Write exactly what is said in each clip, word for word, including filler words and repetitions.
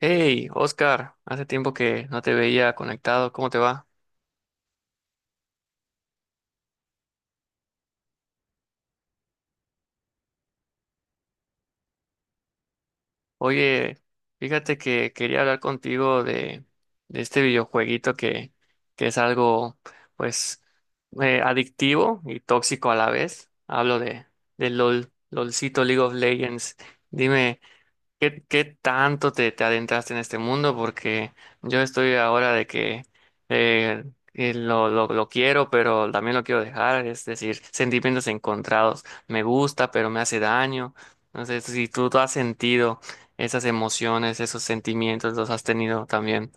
Hey, Oscar, hace tiempo que no te veía conectado, ¿cómo te va? Oye, fíjate que quería hablar contigo de, de este videojueguito que, que es algo, pues, eh, adictivo y tóxico a la vez. Hablo de, de LOL, LOLcito League of Legends. Dime, ¿Qué, qué tanto te, te adentraste en este mundo? Porque yo estoy ahora de que eh, eh, lo, lo, lo quiero, pero también lo quiero dejar, es decir, sentimientos encontrados. Me gusta, pero me hace daño. No sé si tú, tú has sentido esas emociones, esos sentimientos, los has tenido también.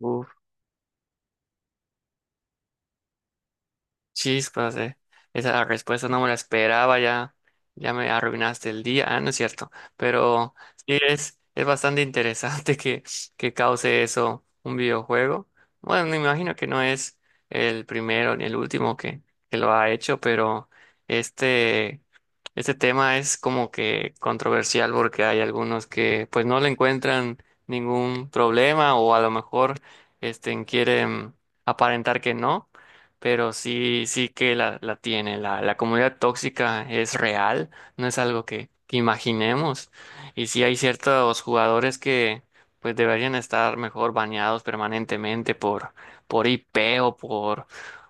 Uf. Chispas, eh. Esa respuesta no me la esperaba, ya, ya me arruinaste el día. Ah, no es cierto. Pero sí es, es bastante interesante que, que cause eso un videojuego. Bueno, me imagino que no es el primero ni el último que, que lo ha hecho, pero este, este tema es como que controversial porque hay algunos que pues no le encuentran ningún problema o a lo mejor este, quieren aparentar que no, pero sí, sí que la, la tiene. La, la comunidad tóxica es real, no es algo que, que imaginemos. Y sí hay ciertos jugadores que pues deberían estar mejor baneados permanentemente por, por I P o por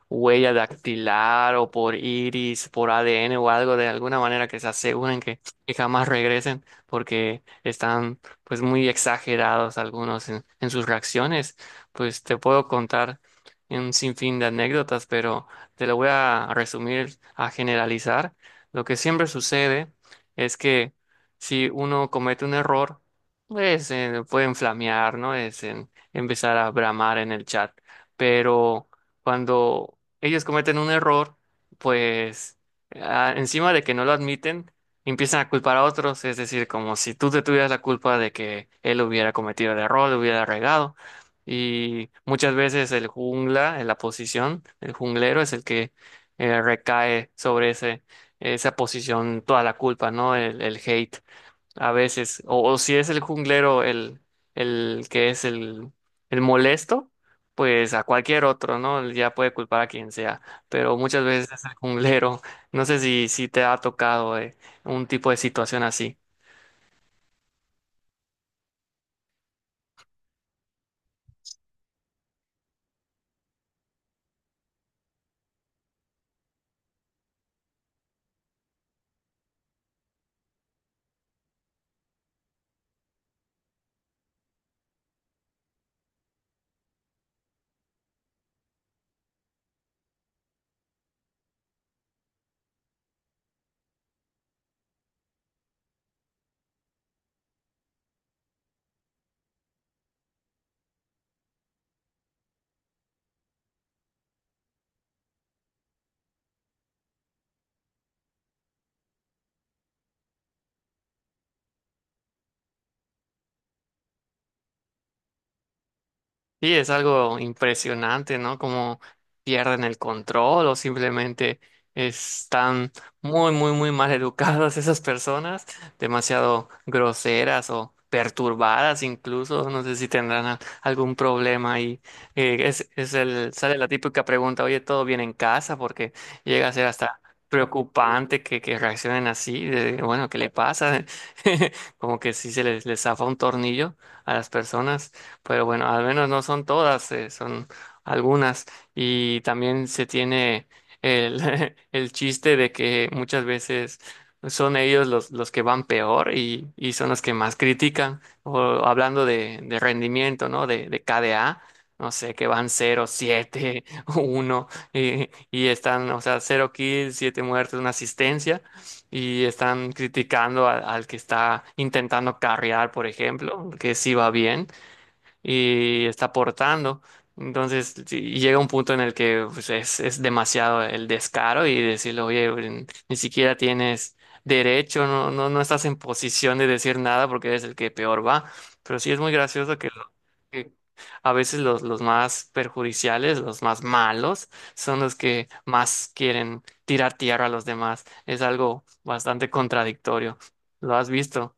huella dactilar o por iris, por A D N o algo de alguna manera que se aseguren que, que jamás regresen porque están pues muy exagerados algunos en en sus reacciones. Pues te puedo contar y un sinfín de anécdotas, pero te lo voy a resumir, a generalizar. Lo que siempre sucede es que si uno comete un error, pues eh, pueden flamear, ¿no? Es en- empezar a bramar en el chat. Pero cuando ellos cometen un error, pues ah, encima de que no lo admiten, empiezan a culpar a otros, es decir, como si tú te tuvieras la culpa de que él hubiera cometido el error, lo hubiera regado. Y muchas veces el jungla, en la posición, el junglero es el que eh, recae sobre ese, esa posición toda la culpa, ¿no? El, el hate. A veces, o, o si es el junglero el, el que es el, el molesto, pues a cualquier otro, ¿no? Ya puede culpar a quien sea, pero muchas veces es el junglero. No sé si, si te ha tocado eh, un tipo de situación así. Sí, es algo impresionante, ¿no? Como pierden el control o simplemente están muy, muy, muy mal educadas esas personas, demasiado groseras o perturbadas incluso, no sé si tendrán a- algún problema ahí. Eh, es, es el, sale la típica pregunta, oye, ¿todo bien en casa? Porque llega a ser hasta preocupante que, que reaccionen así, de, bueno, ¿qué le pasa? Como que sí se les, les zafa un tornillo a las personas, pero bueno, al menos no son todas, eh, son algunas. Y también se tiene el, el chiste de que muchas veces son ellos los, los que van peor y, y son los que más critican, o hablando de, de rendimiento, ¿no? De, de K D A. No sé, que van cero siete uno y, y están, o sea, cero kills, siete muertes, una asistencia y están criticando al, al que está intentando carrear, por ejemplo, que sí va bien, y está aportando. Entonces sí, llega un punto en el que pues, es, es demasiado el descaro y decirle, oye, mm, ni siquiera tienes derecho, no, no, no estás en posición de decir nada porque eres el que peor va. Pero sí es muy gracioso que, lo- que a veces los, los más perjudiciales, los más malos, son los que más quieren tirar tierra a los demás. Es algo bastante contradictorio. ¿Lo has visto?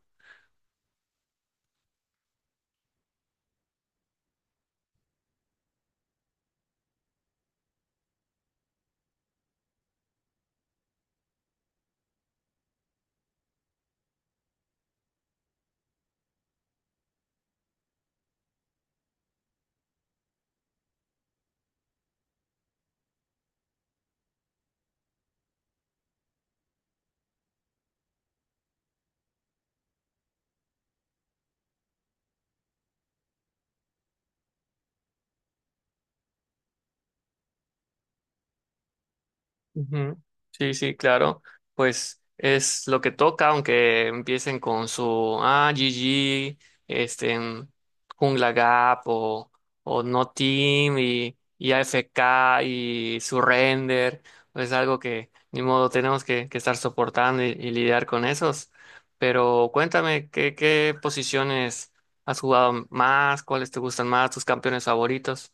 Ujú. Sí, sí, claro. Pues es lo que toca, aunque empiecen con su ah, G G, este, en Jungla Gap o, o No Team y, y A F K y Surrender. Es algo que ni modo tenemos que, que estar soportando y, y lidiar con esos. Pero cuéntame, ¿qué, qué posiciones has jugado más? ¿Cuáles te gustan más? ¿Tus campeones favoritos?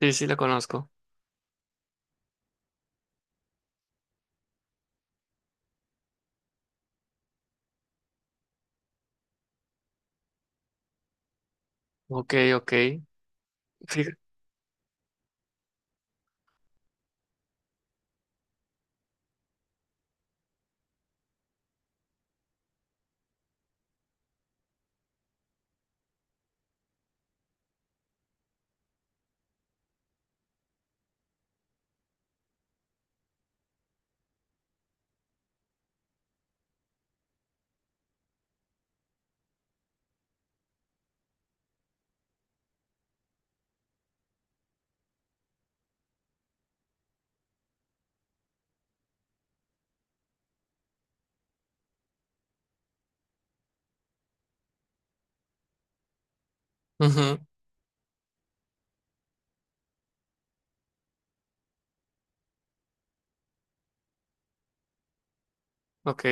Sí, sí, la conozco. Ok, ok. Fíjate. Ujú, ok.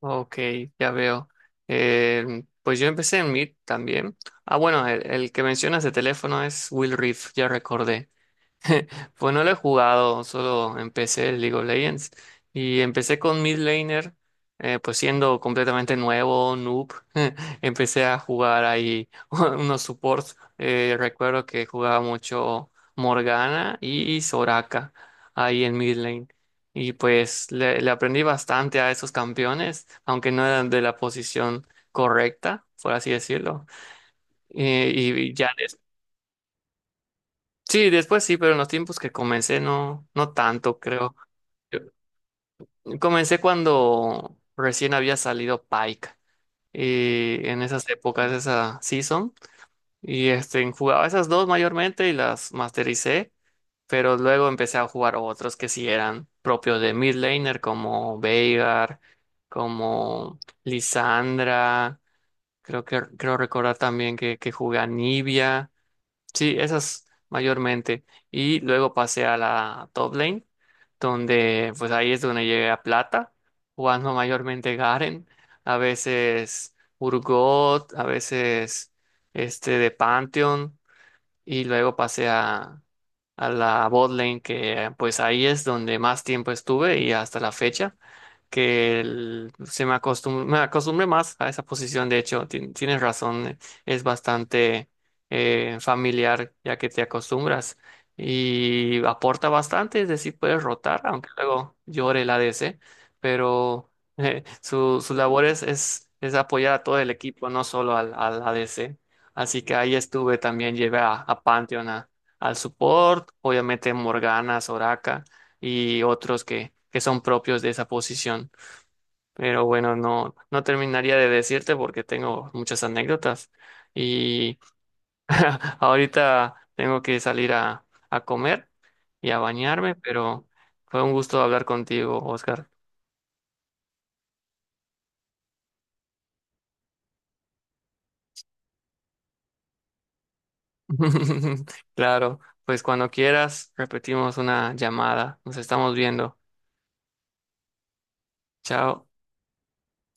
Ok, ya veo. Eh, pues yo empecé en Meet también. Ah, bueno, el, el que mencionas de teléfono es Will Reef, ya recordé. Pues no lo he jugado, solo empecé el League of Legends y empecé con mid laner, eh, pues siendo completamente nuevo, noob, empecé a jugar ahí unos supports. Eh, recuerdo que jugaba mucho Morgana y Soraka ahí en mid lane y pues le, le aprendí bastante a esos campeones, aunque no eran de la posición correcta, por así decirlo. Eh, y ya sí, después sí, pero en los tiempos que comencé no, no tanto, creo. Yo- Comencé cuando recién había salido Pike y en esas épocas, esa season, y este, jugaba esas dos mayormente y las mastericé, pero luego empecé a jugar otros que sí eran propios de mid laner como Veigar, como Lisandra, creo que creo recordar también que, que jugué a Nibia. Sí, esas mayormente. Y luego pasé a la top lane, donde pues ahí es donde llegué a plata, jugando mayormente Garen, a veces Urgot, a veces este de Pantheon, y luego pasé a, a la bot lane, que pues ahí es donde más tiempo estuve y hasta la fecha que el- se me acostum- me acostumbre más a esa posición. De hecho, ti- tienes razón, eh, es bastante eh, familiar ya que te acostumbras y aporta bastante, es decir, puedes rotar, aunque luego llore el A D C, pero eh, su, su labor es, es, es apoyar a todo el equipo, no solo al, al A D C. Así que ahí estuve también, llevé a, a Pantheon a- al support, obviamente Morgana, Soraka y otros que, que son propios de esa posición. Pero bueno, no, no terminaría de decirte porque tengo muchas anécdotas y ahorita tengo que salir a, a comer y a bañarme, pero fue un gusto hablar contigo, Oscar. Claro, pues cuando quieras repetimos una llamada. Nos estamos viendo. Chao.